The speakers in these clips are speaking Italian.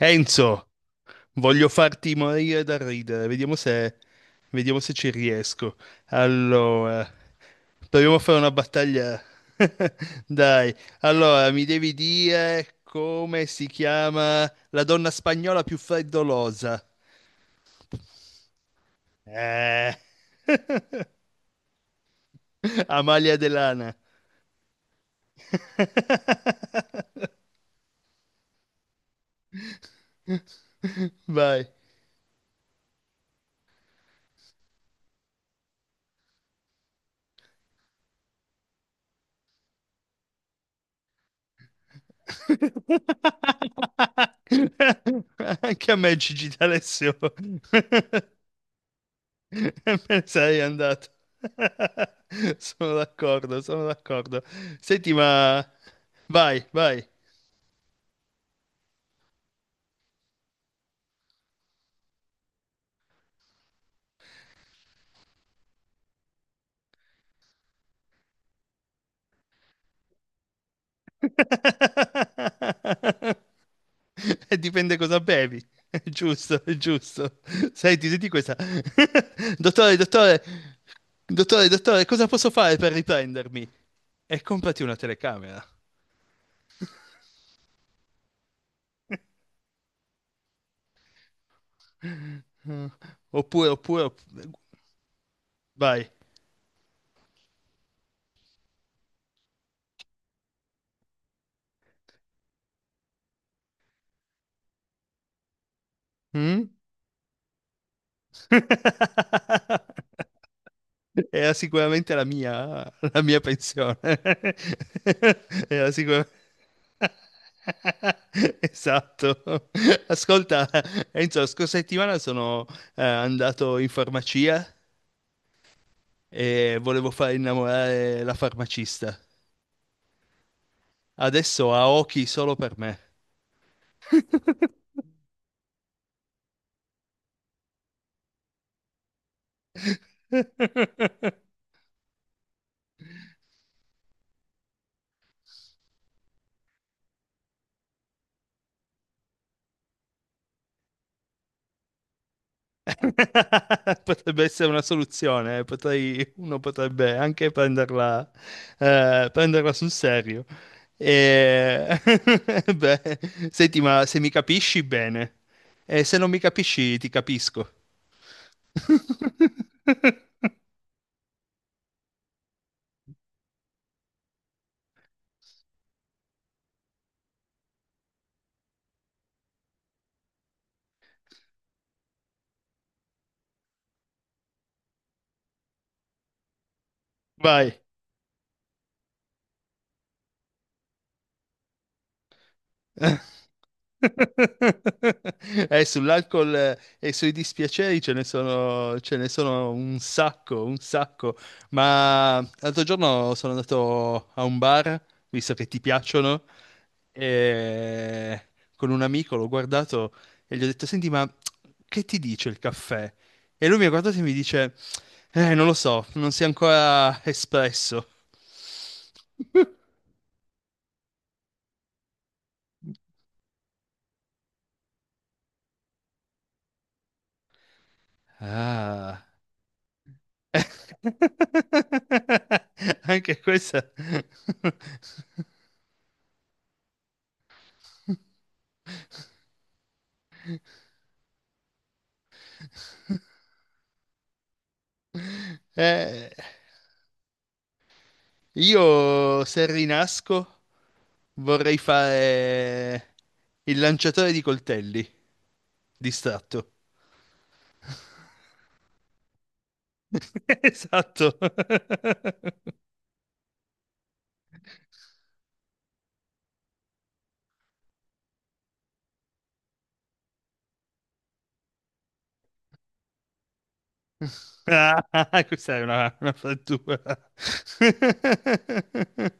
Enzo, voglio farti morire da ridere, vediamo se ci riesco. Allora, proviamo a fare una battaglia. Dai, allora mi devi dire come si chiama la donna spagnola più freddolosa. Eh. Amalia Delana, vai. Anche a me Gigi D'Alessio. Me ne sarei andato. Sono d'accordo, sono d'accordo. Senti, ma vai, vai. E dipende cosa bevi. È giusto, è giusto. Senti, senti questa. Dottore, dottore, dottore, dottore, cosa posso fare per riprendermi? E comprati una telecamera. Oppure, oppure, vai. Mm? Era sicuramente la mia, la mia pensione. Era sicuramente... Esatto. Ascolta, Enzo, la scorsa settimana sono andato in farmacia e volevo far innamorare la farmacista. Adesso ha occhi solo per me. Potrebbe essere una soluzione, eh. Uno potrebbe anche prenderla, prenderla sul serio. E... Beh, senti, ma se mi capisci bene, e se non mi capisci ti capisco. Vai. Sull'alcol e sui dispiaceri ce ne sono un sacco, un sacco. Ma l'altro giorno sono andato a un bar, visto che ti piacciono, e con un amico l'ho guardato e gli ho detto: Senti, ma che ti dice il caffè? E lui mi ha guardato e mi dice: non lo so, non si è ancora espresso. Ah. Anche questa. Eh, io se rinasco vorrei fare il lanciatore di coltelli distratto. Esatto. Ah, questa è una frattura.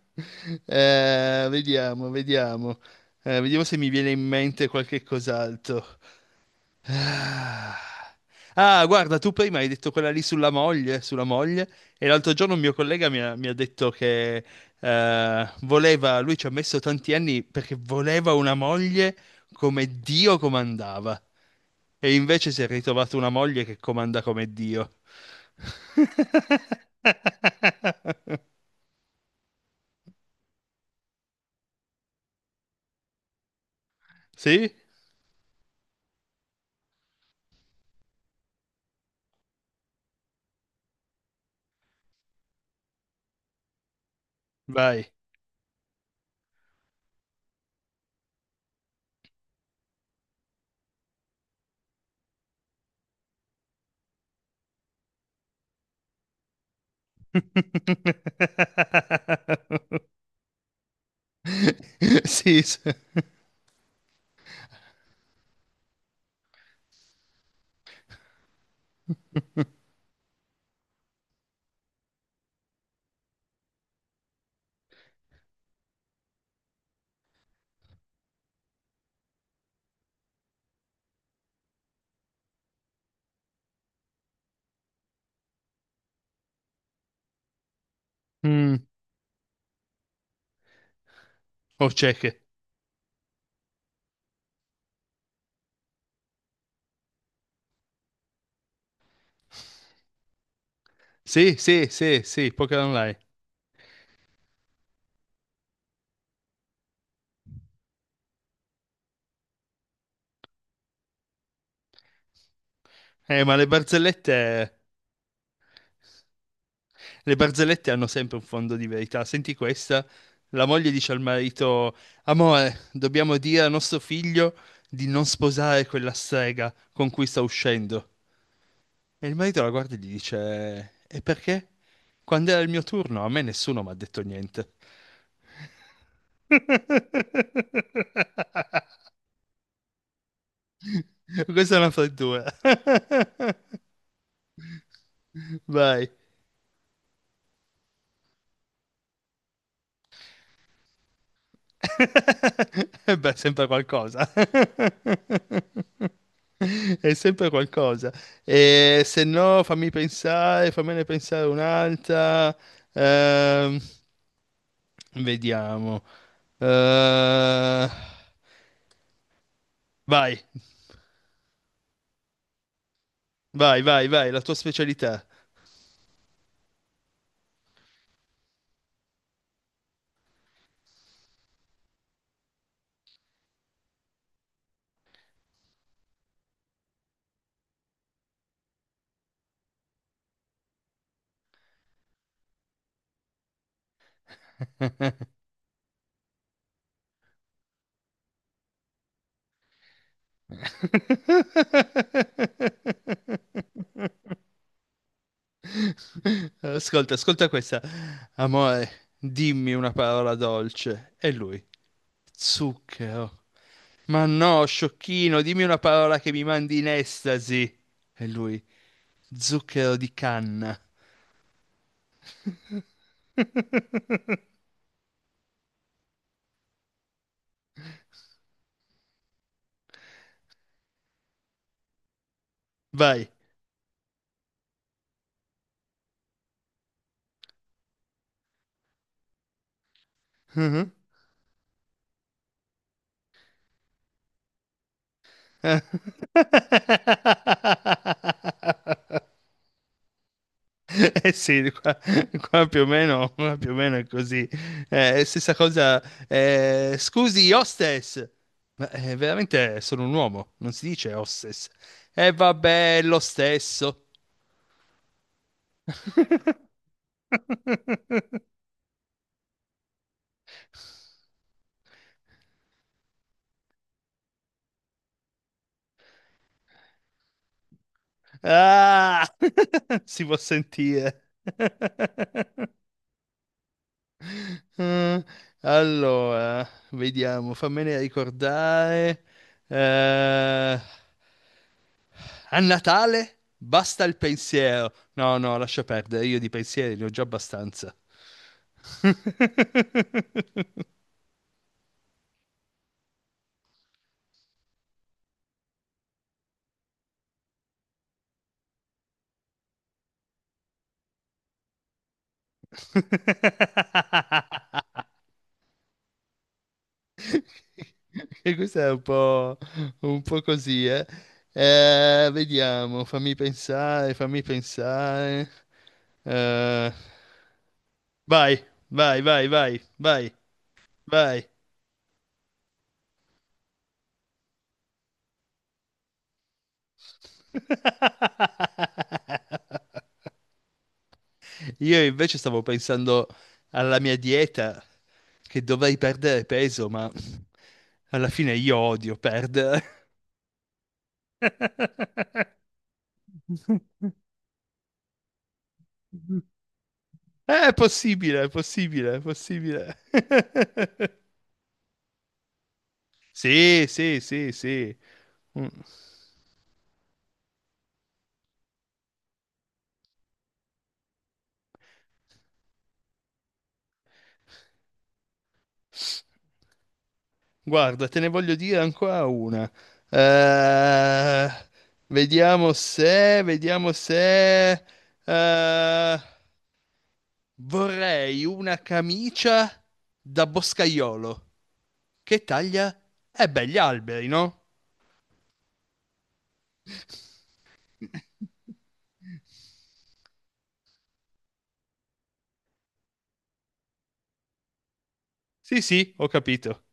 Vediamo, vediamo. Vediamo se mi viene in mente qualche cos'altro. Ah, Ah, guarda, tu prima hai detto quella lì sulla moglie, e l'altro giorno un mio collega mi ha detto che voleva, lui ci ha messo tanti anni perché voleva una moglie come Dio comandava, e invece si è ritrovato una moglie che comanda come Dio. Sì? Vai. Sì, sì. Mm, o cieche. Sì, sì, sì, sì, Poker Online. Ma le barzellette hanno sempre un fondo di verità. Senti questa, la moglie dice al marito, amore, dobbiamo dire a nostro figlio di non sposare quella strega con cui sta uscendo. E il marito la guarda e gli dice, e perché? Quando era il mio turno, a me nessuno mi ha detto niente. Questa è una frattura. Vai. E beh, sempre qualcosa. È sempre qualcosa. E se no, fammi pensare, fammene pensare un'altra. Ehm, vediamo. Eh, vai, vai, vai, vai, la tua specialità. Ascolta, ascolta questa. Amore, dimmi una parola dolce. E lui, zucchero. Ma no, sciocchino, dimmi una parola che mi mandi in estasi. E lui, zucchero di canna. Vai. Mhm. Eh sì, qua, qua più o meno, qua più o meno è così. Stessa cosa, scusi, hostess, ma veramente sono un uomo, non si dice hostess. E vabbè, è lo stesso. Ah, si può sentire. Mm, allora, vediamo, fammene ricordare. Eh, A Natale basta il pensiero. No, no, lascia perdere, io di pensieri ne ho già abbastanza. E questo è un po' così, eh. Vediamo, fammi pensare, fammi pensare. Eh, vai, vai, vai, vai, vai, vai. Io invece stavo pensando alla mia dieta, che dovrei perdere peso, ma alla fine io odio perdere. È possibile, è possibile, è possibile. Sì, sì, sì, sì. Mm. Guarda, te ne voglio dire ancora una. Eh, vediamo se... eh, vorrei una camicia da boscaiolo che taglia... Eh beh, gli alberi, no? Sì, sì, ho capito.